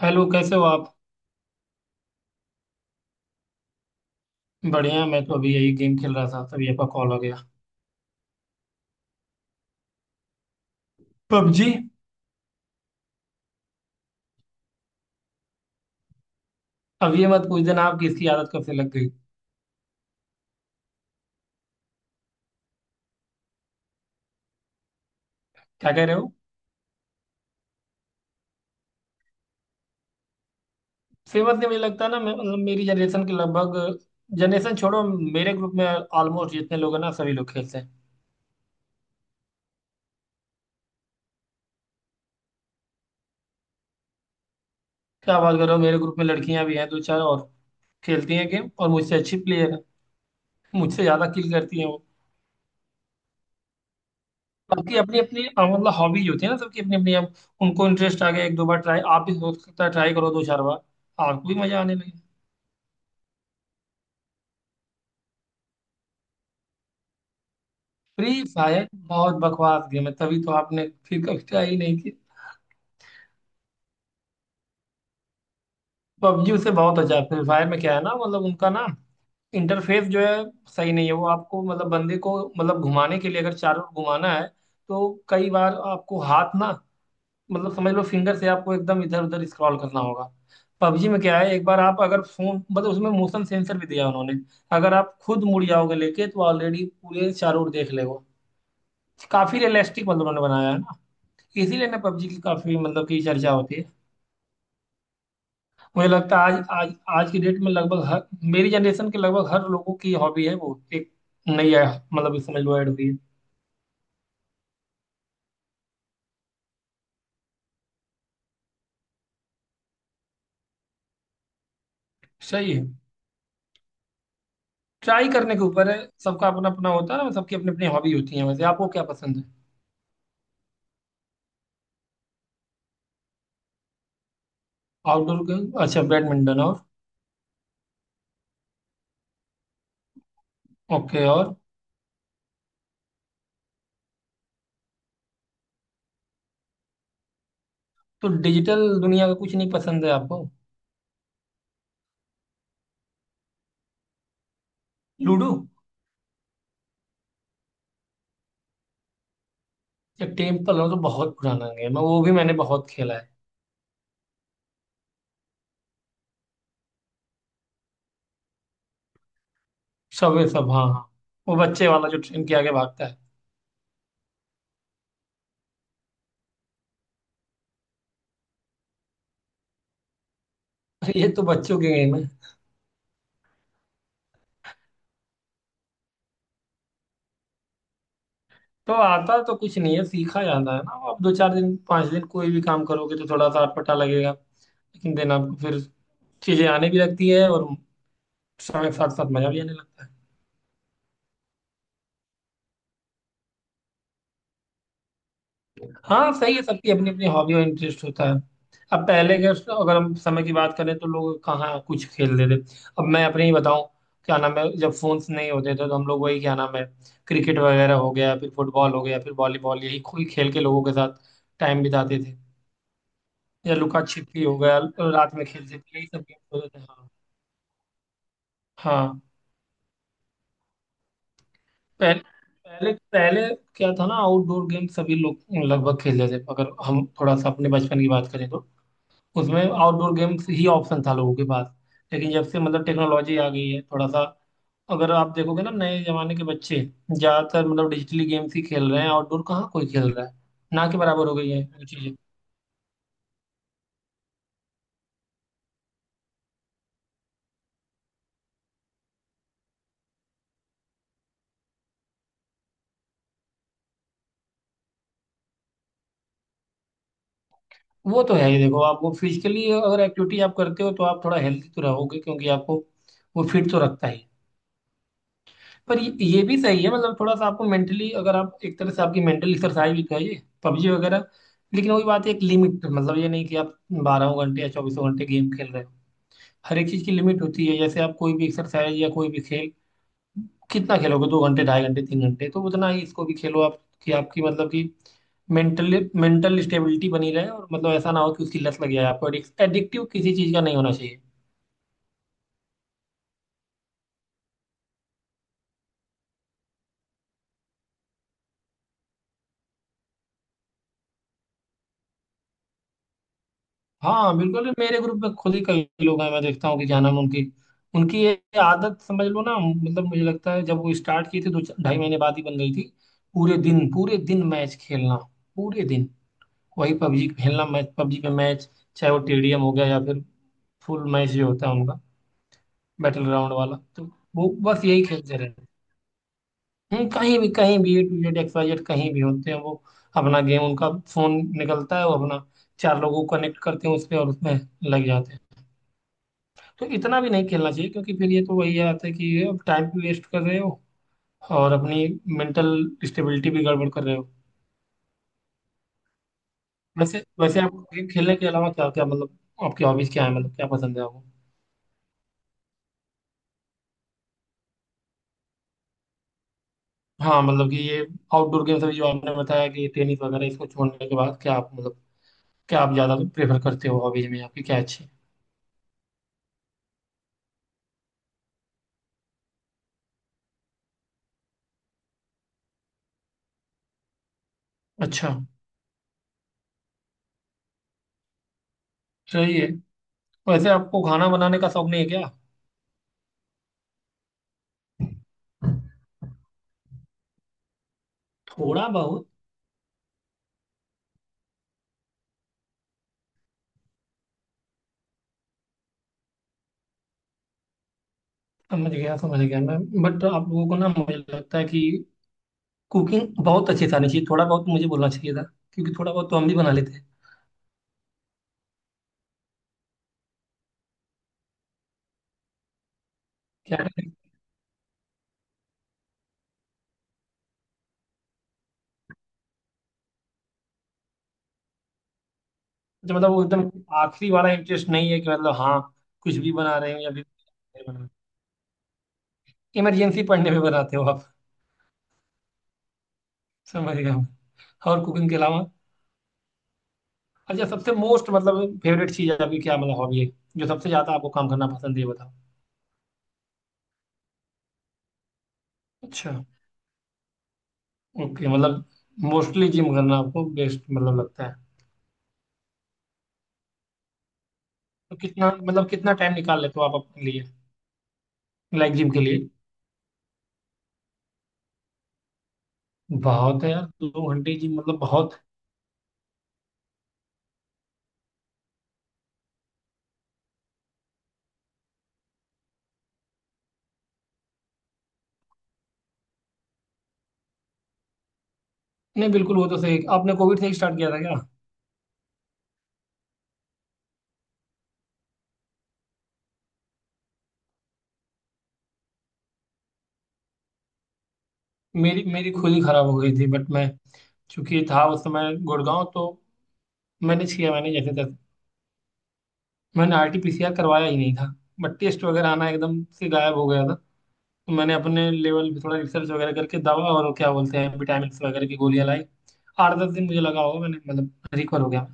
Hello, कैसे हो आप। बढ़िया, मैं तो अभी यही गेम खेल रहा था तभी आपका कॉल हो गया। पबजी। अब ये मत पूछ देना, आपकी इसकी आदत कब से लग गई। क्या कह रहे हो। सेम बात नहीं, मुझे लगता है ना, मैं मतलब मेरी जनरेशन के लगभग, जनरेशन छोड़ो, मेरे ग्रुप में ऑलमोस्ट जितने लोग हैं ना, सभी लोग खेलते हैं। क्या बात कर रहे हो, मेरे ग्रुप में लड़कियां भी हैं, दो चार, और खेलती हैं गेम, और मुझसे अच्छी प्लेयर है, मुझसे ज्यादा किल करती हैं वो। बाकी अपनी अपनी मतलब हॉबीज होती है ना सबकी अपनी अपनी, अब उनको इंटरेस्ट आ गया, एक दो बार ट्राई, आप भी हो सकता है ट्राई करो दो चार बार आपको भी मजा आने लगे। फ्री फायर बहुत बकवास गेम है, तभी तो आपने फिर कभी ट्राई ही नहीं की। पबजी उसे बहुत अच्छा है, फ्री फायर में क्या है ना, मतलब उनका ना इंटरफेस जो है सही नहीं है, वो आपको मतलब बंदे को मतलब घुमाने के लिए अगर चारों ओर घुमाना है तो कई बार आपको हाथ ना, मतलब समझ लो फिंगर से आपको एकदम इधर उधर स्क्रॉल करना होगा। पबजी में क्या है, एक बार आप अगर फोन मतलब उसमें मोशन सेंसर भी दिया है उन्होंने, अगर आप खुद मुड़ जाओगे लेके तो ऑलरेडी पूरे चारों ओर देख लेगा। काफी रियलिस्टिक मतलब उन्होंने बनाया है ना, इसीलिए ना पबजी की काफी मतलब की चर्चा होती है। मुझे लगता है आज आज आज की डेट में लगभग हर, मेरी जनरेशन के लगभग हर लोगों की हॉबी है, वो एक नई है, मतलब समझ लो ऐड हुई है। सही है। ट्राई करने के ऊपर है, सबका अपना अपना होता है ना, सबकी अपनी अपनी हॉबी होती है। वैसे आपको क्या पसंद है। आउटडोर गेम, अच्छा, बैडमिंटन और? ओके और? तो डिजिटल दुनिया का कुछ नहीं पसंद है आपको। लूडो? या टेम्पल रन तो बहुत पुराना गेम है, वो भी मैंने बहुत खेला है। सबवे सब, हाँ हाँ, वो बच्चे वाला जो ट्रेन के आगे भागता है। ये तो बच्चों के गेम है। तो आता तो कुछ नहीं है, सीखा जाता है ना, आप दो चार दिन पांच दिन कोई भी काम करोगे तो थोड़ा सा अटपटा लगेगा, लेकिन दिन आपको फिर चीजें आने भी लगती है, और समय के साथ साथ मजा भी आने लगता है। हाँ सही है, सबकी अपनी अपनी हॉबी और इंटरेस्ट होता है। अब पहले के, अगर हम समय की बात करें तो लोग कहाँ कुछ खेलते थे। अब मैं अपने ही बताऊं, क्या नाम है, जब फोन्स नहीं होते थे तो हम लोग वही क्या नाम है, क्रिकेट वगैरह हो गया, फिर फुटबॉल हो गया, फिर वॉलीबॉल, यही कोई खेल के लोगों के साथ टाइम बिताते थे, या लुका छिपी हो गया, रात में खेलते थे, यही सब गेम होते थे। हाँ। हाँ, पहले पहले पहले क्या था ना, आउटडोर गेम सभी लोग लगभग खेलते थे, अगर हम थोड़ा सा अपने बचपन की बात करें तो उसमें आउटडोर गेम्स ही ऑप्शन था लोगों के पास। लेकिन जब से मतलब टेक्नोलॉजी आ गई है थोड़ा सा, अगर आप देखोगे ना नए जमाने के बच्चे ज्यादातर मतलब डिजिटली गेम्स ही खेल रहे हैं, आउटडोर कहाँ कोई खेल रहा है, ना के बराबर हो गई है वो चीजें। वो तो है ही, देखो आप वो फिजिकली अगर एक्टिविटी आप करते हो तो आप थोड़ा हेल्थी तो रहोगे, क्योंकि आपको वो फिट तो रखता ही। पर ये भी सही है, मतलब थोड़ा सा आपको मेंटली, अगर आप एक तरह से आपकी मेंटल एक्सरसाइज भी करिए पबजी वगैरह, लेकिन वही बात है, एक लिमिट, मतलब ये नहीं कि आप 12 घंटे या चौबीसों घंटे गेम खेल रहे हो। हर एक चीज़ की लिमिट होती है, जैसे आप कोई भी एक्सरसाइज या कोई भी खेल कितना खेलोगे, दो घंटे ढाई घंटे तीन घंटे, तो उतना ही इसको भी खेलो आप, कि आपकी मतलब कि मेंटली मेंटल स्टेबिलिटी बनी रहे, और मतलब ऐसा ना हो कि उसकी लत लग जाए आपको, एडिक्टिव किसी चीज का नहीं होना चाहिए। हाँ बिल्कुल, मेरे ग्रुप में खुद ही कई लोग हैं, मैं देखता हूँ कि क्या नाम है, उनकी उनकी ये आदत समझ लो ना, मतलब मुझे लगता है जब वो स्टार्ट की थी दो ढाई महीने बाद ही बन गई थी, पूरे दिन मैच खेलना, पूरे दिन वही पबजी खेलना, मैच पबजी पे मैच, चाहे वो टेडियम हो गया या फिर फुल मैच जो होता है उनका बैटल ग्राउंड वाला तो वो बस यही खेलते रहते हैं। कहीं भी कहीं भी, A to Z, XYZ, कहीं भी होते हैं वो, अपना गेम उनका फोन निकलता है, वो अपना चार लोगों को कनेक्ट करते हैं उस पर और उसमें लग जाते हैं। तो इतना भी नहीं खेलना चाहिए क्योंकि फिर ये तो वही आता है कि अब टाइम भी वेस्ट कर रहे हो और अपनी मेंटल स्टेबिलिटी भी गड़बड़ कर रहे हो। वैसे वैसे आप गेम खेलने के अलावा क्या क्या, मतलब आपकी हॉबीज क्या है, मतलब क्या पसंद है आपको। हाँ मतलब कि ये आउटडोर गेम्स अभी जो आपने बताया कि टेनिस वगैरह, इसको छोड़ने के बाद क्या आप मतलब क्या आप ज़्यादा प्रेफर करते हो, हॉबीज में आपकी क्या अच्छी। अच्छा, सही है। वैसे आपको खाना बनाने का शौक नहीं है क्या। थोड़ा बहुत। समझ गया मैं, बट आप लोगों को ना, मुझे लगता है कि कुकिंग बहुत अच्छी से आनी चाहिए, थोड़ा बहुत मुझे बोलना चाहिए था, क्योंकि थोड़ा बहुत तो हम भी बना लेते हैं। क्या करें? अच्छा, मतलब वो एकदम आखिरी वाला इंटरेस्ट नहीं है कि मतलब, हाँ, कुछ भी बना रहे हो या फिर बना, इमरजेंसी पड़ने पे बनाते हो आप। समझ गया मैं। और कुकिंग के अलावा, अच्छा सबसे मोस्ट मतलब फेवरेट चीज आपकी क्या मतलब हॉबी है, जो सबसे ज्यादा आपको काम करना पसंद है, ये बताओ। अच्छा, ओके, मतलब मोस्टली जिम करना आपको बेस्ट मतलब लगता है। तो कितना मतलब कितना टाइम निकाल लेते हो आप अपने लिए, लाइक जिम के लिए। बहुत है यार, दो घंटे जिम मतलब बहुत। नहीं बिल्कुल, वो तो सही, आपने कोविड से ही स्टार्ट किया था क्या। मेरी मेरी खुद ही खराब हो गई थी, बट मैं चूंकि था उस समय गुड़गांव तो मैनेज किया मैंने जैसे तैसे, मैंने RTPCR करवाया ही नहीं था, बट टेस्ट वगैरह आना एकदम से गायब हो गया था, तो मैंने अपने लेवल पे थोड़ा रिसर्च वगैरह करके दवा और क्या बोलते हैं विटामिन वगैरह की गोलियां लाई, आठ दस दिन मुझे लगा होगा, मैंने मतलब रिकवर हो गया।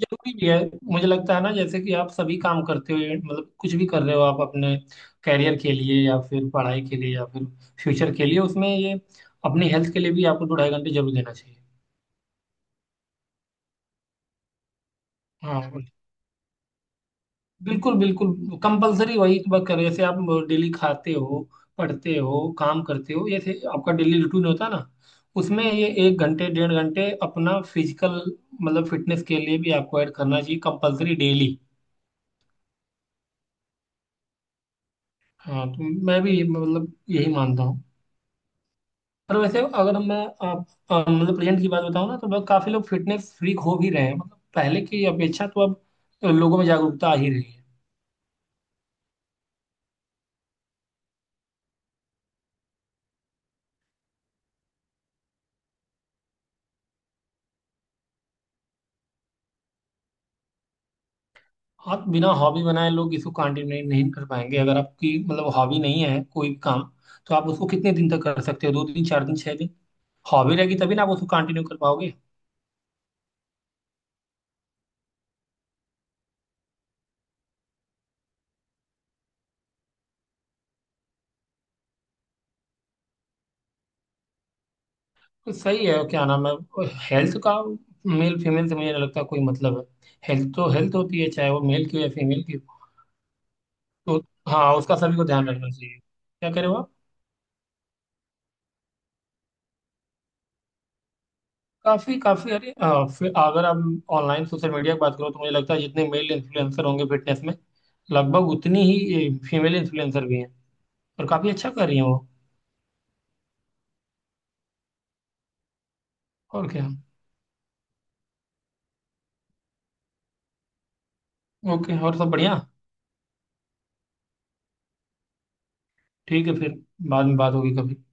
जरूरी भी है, मुझे लगता है ना, जैसे कि आप सभी काम करते हो, मतलब कुछ भी कर रहे हो आप अपने कैरियर के लिए, या फिर पढ़ाई के लिए, या फिर फ्यूचर के लिए, उसमें ये अपनी हेल्थ के लिए भी आपको दो ढाई घंटे जरूर देना चाहिए। हाँ बिल्कुल बिल्कुल कंपलसरी, वही वर्क करो जैसे आप डेली खाते हो, पढ़ते हो, काम करते हो, जैसे आपका डेली रूटीन होता है ना, उसमें ये एक घंटे डेढ़ घंटे अपना फिजिकल मतलब फिटनेस के लिए भी आपको ऐड करना चाहिए कंपलसरी डेली। हाँ तो मैं भी मतलब यही मानता हूँ, पर वैसे अगर मैं आप मतलब प्रेजेंट की बात बताऊँ ना, तो बहुत काफी लोग फिटनेस फ्रीक हो भी रहे हैं, मतलब पहले की अपेक्षा तो अब लोगों में जागरूकता आ ही रही है। आप बिना हॉबी बनाए लोग इसको कंटिन्यू नहीं, नहीं कर पाएंगे, अगर आपकी मतलब हॉबी नहीं है कोई भी काम तो आप उसको कितने दिन तक कर सकते हो, दो दिन चार दिन छह दिन, हॉबी रहेगी तभी ना आप उसको कंटिन्यू कर पाओगे। तो सही है, क्या नाम है, हेल्थ का मेल फीमेल से मुझे नहीं लगता कोई मतलब है, हेल्थ तो हेल्थ होती है चाहे वो मेल की हो या फीमेल की हो। तो हाँ, उसका सभी को ध्यान रखना चाहिए, क्या करें वो। काफी काफी, अरे फिर अगर आप ऑनलाइन सोशल मीडिया की बात करो तो मुझे लगता है जितने मेल इन्फ्लुएंसर होंगे फिटनेस में लगभग उतनी ही फीमेल इन्फ्लुएंसर भी हैं, और काफी अच्छा कर रही हैं वो। और क्या, ओके और, सब बढ़िया। ठीक है फिर, बाद में बात होगी कभी।